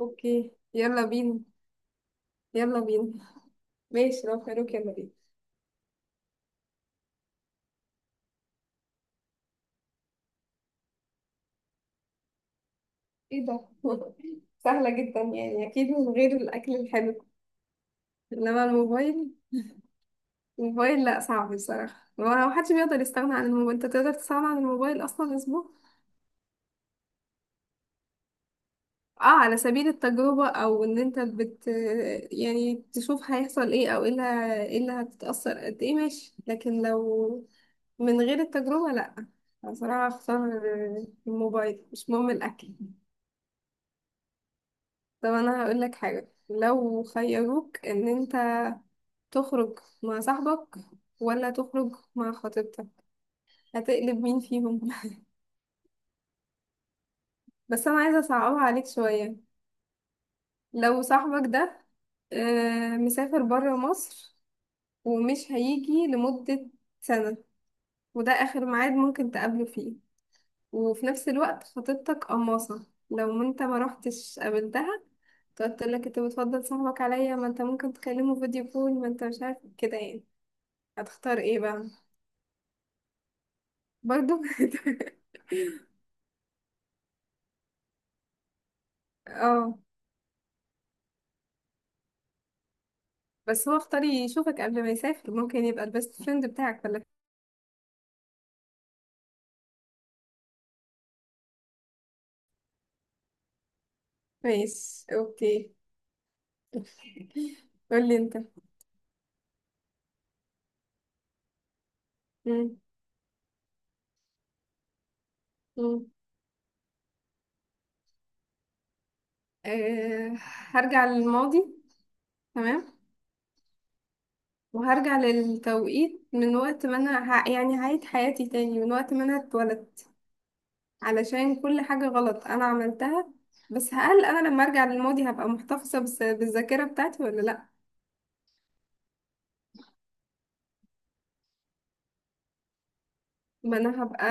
اوكي، يلا بينا. يلا بينا. ماشي، لو خيروك، يلا بينا. ايه ده؟ سهلة جدا، يعني اكيد من غير الاكل الحلو. انما الموبايل. الموبايل، لا، صعب بصراحة. ما حدش بيقدر يستغنى عن الموبايل. انت تقدر تستغنى عن الموبايل اصلا اسبوع؟ اه، على سبيل التجربة، او ان انت يعني تشوف هيحصل ايه، او إيه اللي هتتأثر قد ايه. ماشي، لكن لو من غير التجربة لا. بصراحة، اختار الموبايل، مش مهم الاكل. طب انا هقول لك حاجه. لو خيروك ان انت تخرج مع صاحبك ولا تخرج مع خطيبتك، هتقلب مين فيهم؟ بس انا عايزه اصعبها عليك شويه. لو صاحبك ده مسافر بره مصر، ومش هيجي لمده سنه، وده اخر ميعاد ممكن تقابله فيه. وفي نفس الوقت خطيبتك قماصه لو انت ما رحتش قابلتها، تقعد تقول لك انت بتفضل صاحبك عليا، ما انت ممكن تكلمه فيديو كول، ما انت مش عارف كده يعني. هتختار ايه بقى؟ برضو. اه، بس هو اختار يشوفك قبل ما يسافر، ممكن يبقى البيست فريند بتاعك، ولا؟ ماشي، اوكي. قولي انت. مم. مم. أه، هرجع للماضي. تمام. وهرجع للتوقيت من وقت ما انا يعني هعيد حياتي تاني من وقت ما انا اتولدت، علشان كل حاجة غلط انا عملتها. بس هل انا لما ارجع للماضي هبقى محتفظة بالذاكرة بتاعتي ولا لا؟ ما انا هبقى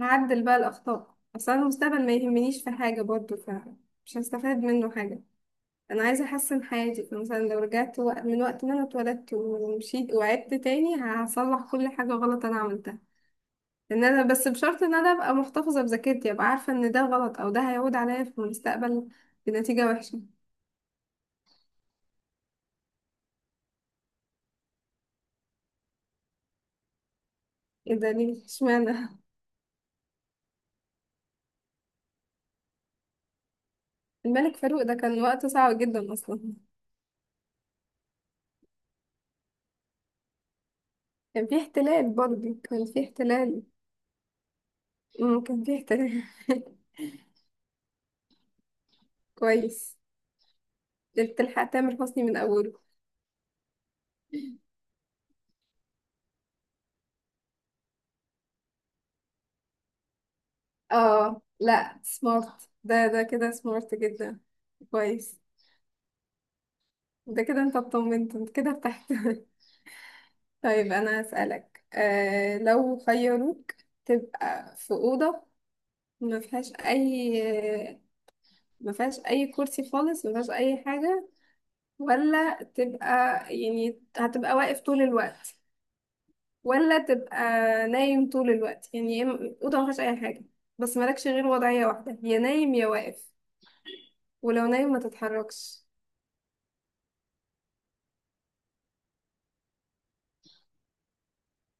هعدل بقى الاخطاء. اصلا المستقبل ما يهمنيش في حاجه برضو، فمش هستفاد منه حاجه. انا عايزه احسن حياتي، فمثلا لو رجعت من وقت ما انا اتولدت ومشيت وعدت تاني، هصلح كل حاجه غلط انا عملتها. ان انا، بس بشرط ان انا ابقى محتفظه بذاكرتي، ابقى عارفه ان ده غلط او ده هيعود عليا في المستقبل بنتيجه وحشه. ايه ده، ليه، اشمعنى؟ الملك فاروق ده كان وقته صعب جدا اصلا. كان في احتلال، برضه كان في احتلال. كان في احتلال. كويس. ده بتلحق تامر حسني من اوله. اه، لا، سمارت. ده كده سمارت جدا. كويس. ده كده انت اطمنت، انت كده ارتحت. طيب انا هسألك، لو خيروك تبقى في أوضة ما فيهاش اي ما فيهاش اي كرسي خالص، ما فيهاش اي حاجة، ولا تبقى يعني هتبقى واقف طول الوقت، ولا تبقى نايم طول الوقت. يعني أوضة ما فيهاش اي حاجة، بس مالكش غير وضعية واحدة، يا نايم يا واقف. ولو نايم ما تتحركش.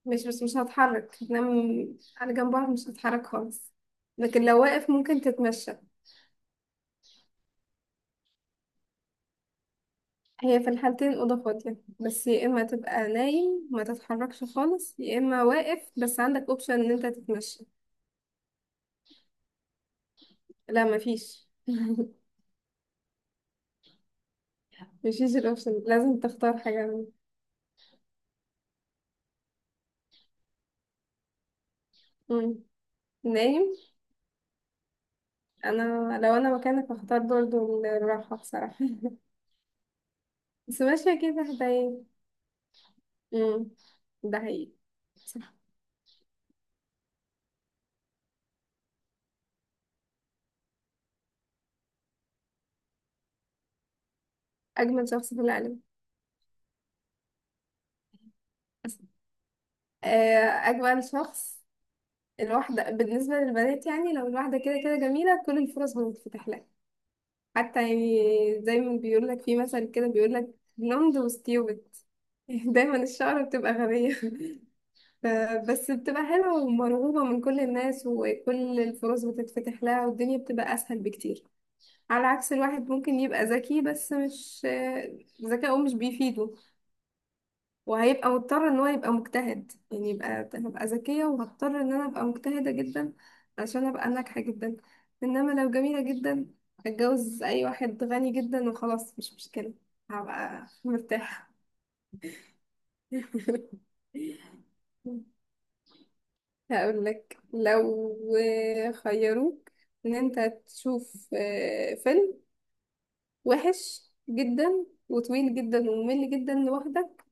مش بس مش هتحرك، هتنام على جنب، بعض مش هتتحرك خالص. لكن لو واقف ممكن تتمشى. هي في الحالتين أوضة فاضية، بس يا إما تبقى نايم ما تتحركش خالص، يا إما واقف بس عندك أوبشن إن أنت تتمشى. لا، مفيش الأوبشن، لازم تختار حاجة منهم. مم. نايم. أنا، لو أنا مكانك هختار برضه الراحة بصراحة. بس ماشية كده هدايا. مم. ده حقيقي. صح. أجمل شخص في العالم. أجمل شخص. الواحدة بالنسبة للبنات، يعني لو الواحدة كده كده جميلة، كل الفرص بتتفتح لها. حتى يعني زي ما بيقول لك في مثل كده، بيقول لك بلوند وستيوبد. دايما الشعر بتبقى غبية. ف- بس بتبقى حلوة ومرغوبة من كل الناس، وكل الفرص بتتفتح لها، والدنيا بتبقى أسهل بكتير. على عكس الواحد ممكن يبقى ذكي، بس مش، ذكاؤه مش بيفيده. وهيبقى مضطر ان هو يبقى مجتهد، يعني هبقى ذكية وهضطر ان انا ابقى مجتهدة جدا عشان ابقى ناجحة جدا. انما لو جميلة جدا، اتجوز اي واحد غني جدا وخلاص، مش مشكلة، هبقى مرتاحة. هقول لك لو خيروك ان انت تشوف فيلم وحش جدا وطويل جدا وممل جدا لوحدك،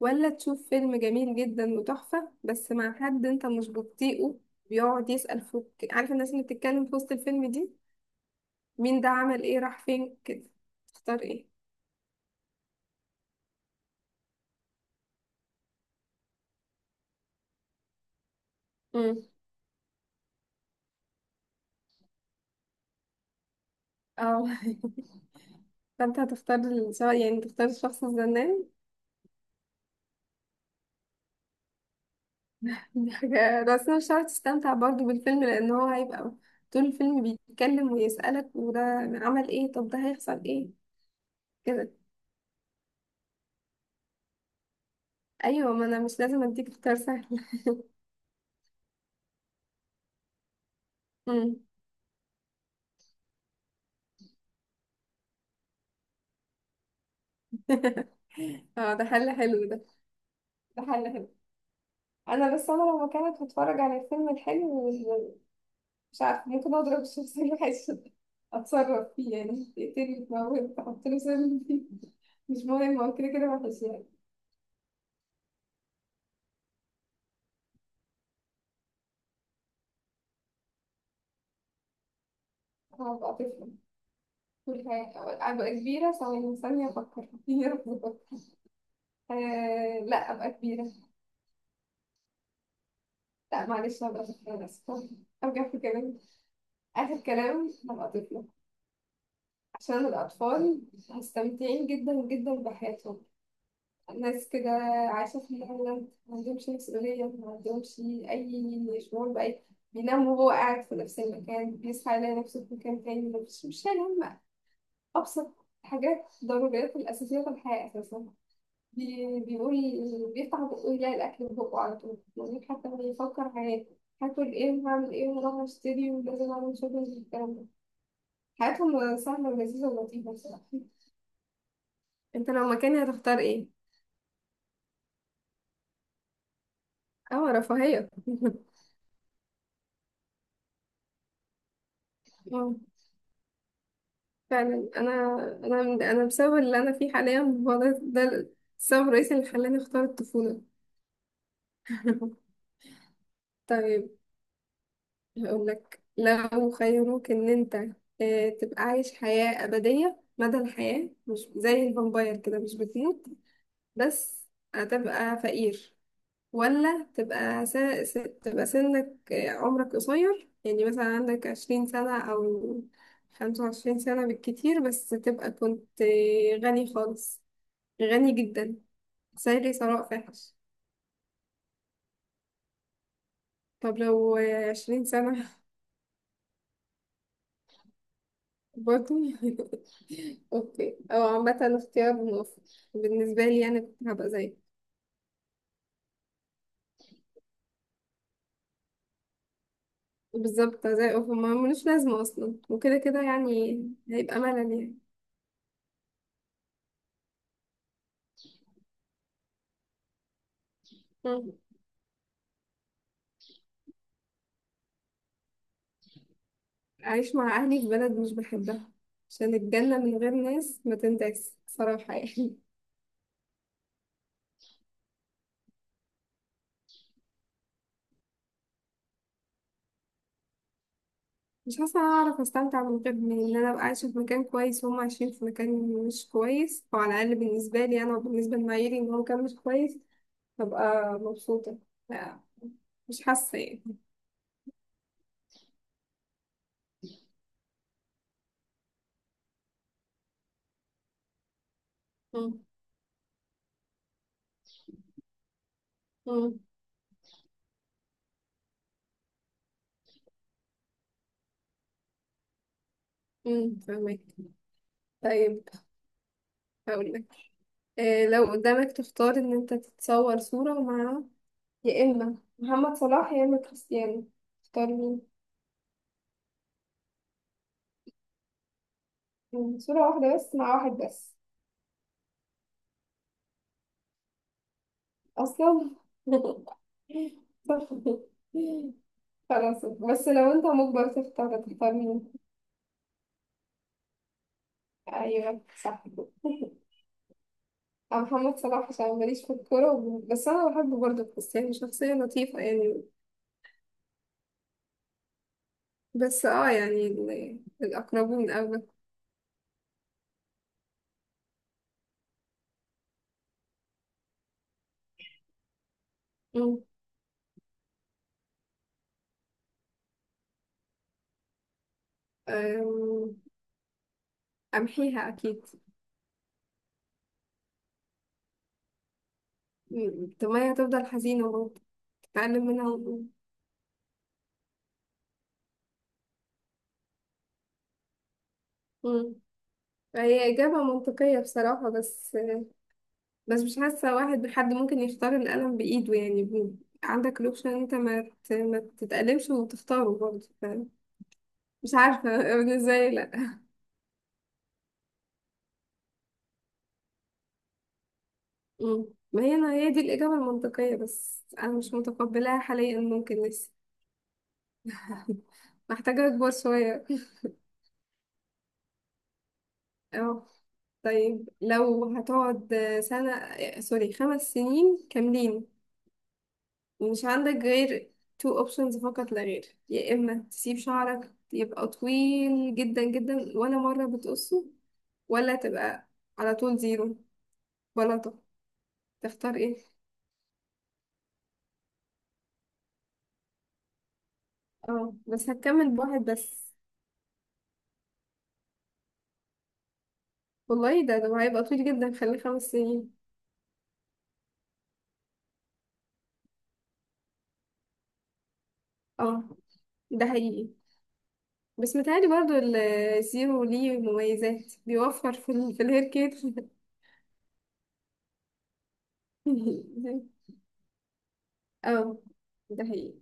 ولا تشوف فيلم جميل جدا وتحفة بس مع حد انت مش بتطيقه، بيقعد يسأل فوق، عارف، الناس اللي بتتكلم في وسط الفيلم دي. مين ده، عمل ايه، راح فين، كده. تختار ايه؟ امم اه. فانت هتختار يعني تختار الشخص الزنان. دي حاجة، بس أنا مش هتعرف تستمتع برضه بالفيلم، لأن هو هيبقى طول الفيلم بيتكلم ويسألك، وده عمل ايه، طب ده هيحصل ايه، كده. ايوه، ما انا مش لازم اديك اختيار سهل. امم اه، ده حل حلو ده. ده حل حلو. انا، بس انا لو مكانك هتفرج على الفيلم الحلو، مش عارفه، ممكن اضرب الشخصيه الوحشه دي، اتصرف فيه يعني، تقتلي، تموت، تحط له سم فيه، مش مهم، هو كده كده وحش يعني. هبقى طفله. طول حياتي ابقى كبيره؟ ثواني، ثانيه افكر. يا رب، بفكر. آه، لا، ابقى كبيره. لا، معلش، هبقى طفله، أنا اسفه. ارجع في كلامي. اخر كلام هبقى طفله. عشان الاطفال مستمتعين جدا جدا بحياتهم. ناس كده عايشة في الهند ما عندهمش مسؤولية، ما عندهمش أي شعور بأي. بينام وهو قاعد في نفس المكان، بيصحى يلاقي نفسه في مكان تاني، مش شايل هم. أبسط حاجات، ضروريات الأساسية في الحياة أساسا. بيقول، بيفتح بقه يلاقي الأكل في بقه على طول، يعني حتى ما يفكر هاكل إيه وهعمل إيه وراح أشتري ولازم أعمل شوبينج والكلام ده. حياتهم سهلة ولذيذة ولطيفة بصراحة. أنت لو مكاني هتختار إيه؟ اه، رفاهية. فعلا، انا انا بسبب اللي انا فيه حاليا، هو ده السبب الرئيسي اللي خلاني اختار الطفولة. طيب، هقول لك لو خيروك ان انت تبقى عايش حياة أبدية مدى الحياة، مش زي الفامباير كده، مش بتموت، بس هتبقى فقير. ولا تبقى س... تبقى سنك آه، عمرك قصير، يعني مثلا عندك 20 سنة أو 25 سنة بالكتير، بس تبقى كنت غني خالص، غني جدا، سيري ثراء فاحش. طب لو 20 سنة؟ برضه. اوكي، او عامة اختيار موفق. بالنسبة لي، يعني كنت هبقى زي، بالظبط، زي اوف، ما ملوش لازمة اصلا وكده كده يعني، هيبقى ملل يعني. مم. أعيش مع أهلي في بلد مش بحبها، عشان الجنة من غير ناس ما تنداس صراحة يعني. مش حاسة إن أنا أعرف أستمتع من غير، من إن أنا أبقى عايشة في مكان كويس وهم عايشين في مكان مش كويس، أو على الأقل بالنسبة لي أنا وبالنسبة لمعاييري إن هو مكان مش كويس، ببقى مبسوطة. لا، مش حاسة يعني. مم. مم. مم. فاهمك. طيب، هقول لك إيه، لو قدامك تختار ان انت تتصور صورة مع يا اما محمد صلاح يا اما كريستيانو، تختار مين؟ مم. صورة واحدة بس، مع واحد بس. اصلا. خلاص، بس لو انت مجبر تختار مين؟ ايوه، صح. أنا محمد صلاح، عشان ماليش في الكورة، بس أنا بحبه برضه. كريستيانو شخصية لطيفة يعني. بس اه يعني، الأقربون أولى. مم. أم، أمحيها أكيد. مم. طب ما هي هتفضل حزينة برضه، تتعلم منها مم. هي إجابة منطقية بصراحة، بس مش حاسة. واحد حد ممكن يختار القلم بإيده، يعني عندك الأوبشن إن أنت ما تتألمش وتختاره برضه، مش عارفة. بالنسبة لي، لأ. مم. ما هي أنا هي دي الإجابة المنطقية، بس أنا مش متقبلاها حاليا، ممكن لسه. محتاجة أكبر شوية. اه. طيب، لو هتقعد سنة سوري 5 سنين كاملين، ومش عندك غير two options فقط لا غير، يا إما تسيب شعرك يبقى طويل جدا جدا، ولا مرة بتقصه، ولا تبقى على طول زيرو بلاطة. تختار ايه؟ اه، بس هتكمل بواحد بس. والله، ده هيبقى طويل جدا، خليه 5 سنين. اه، ده حقيقي. بس متهيألي برضو الزيرو ليه مميزات، بيوفر في ال في الهير كير. اه، ده حقيقي.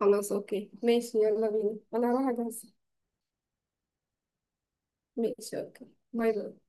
خلاص، اوكي، ماشي، يلا بينا، انا هروح اجهز. ماشي، اوكي. باي باي.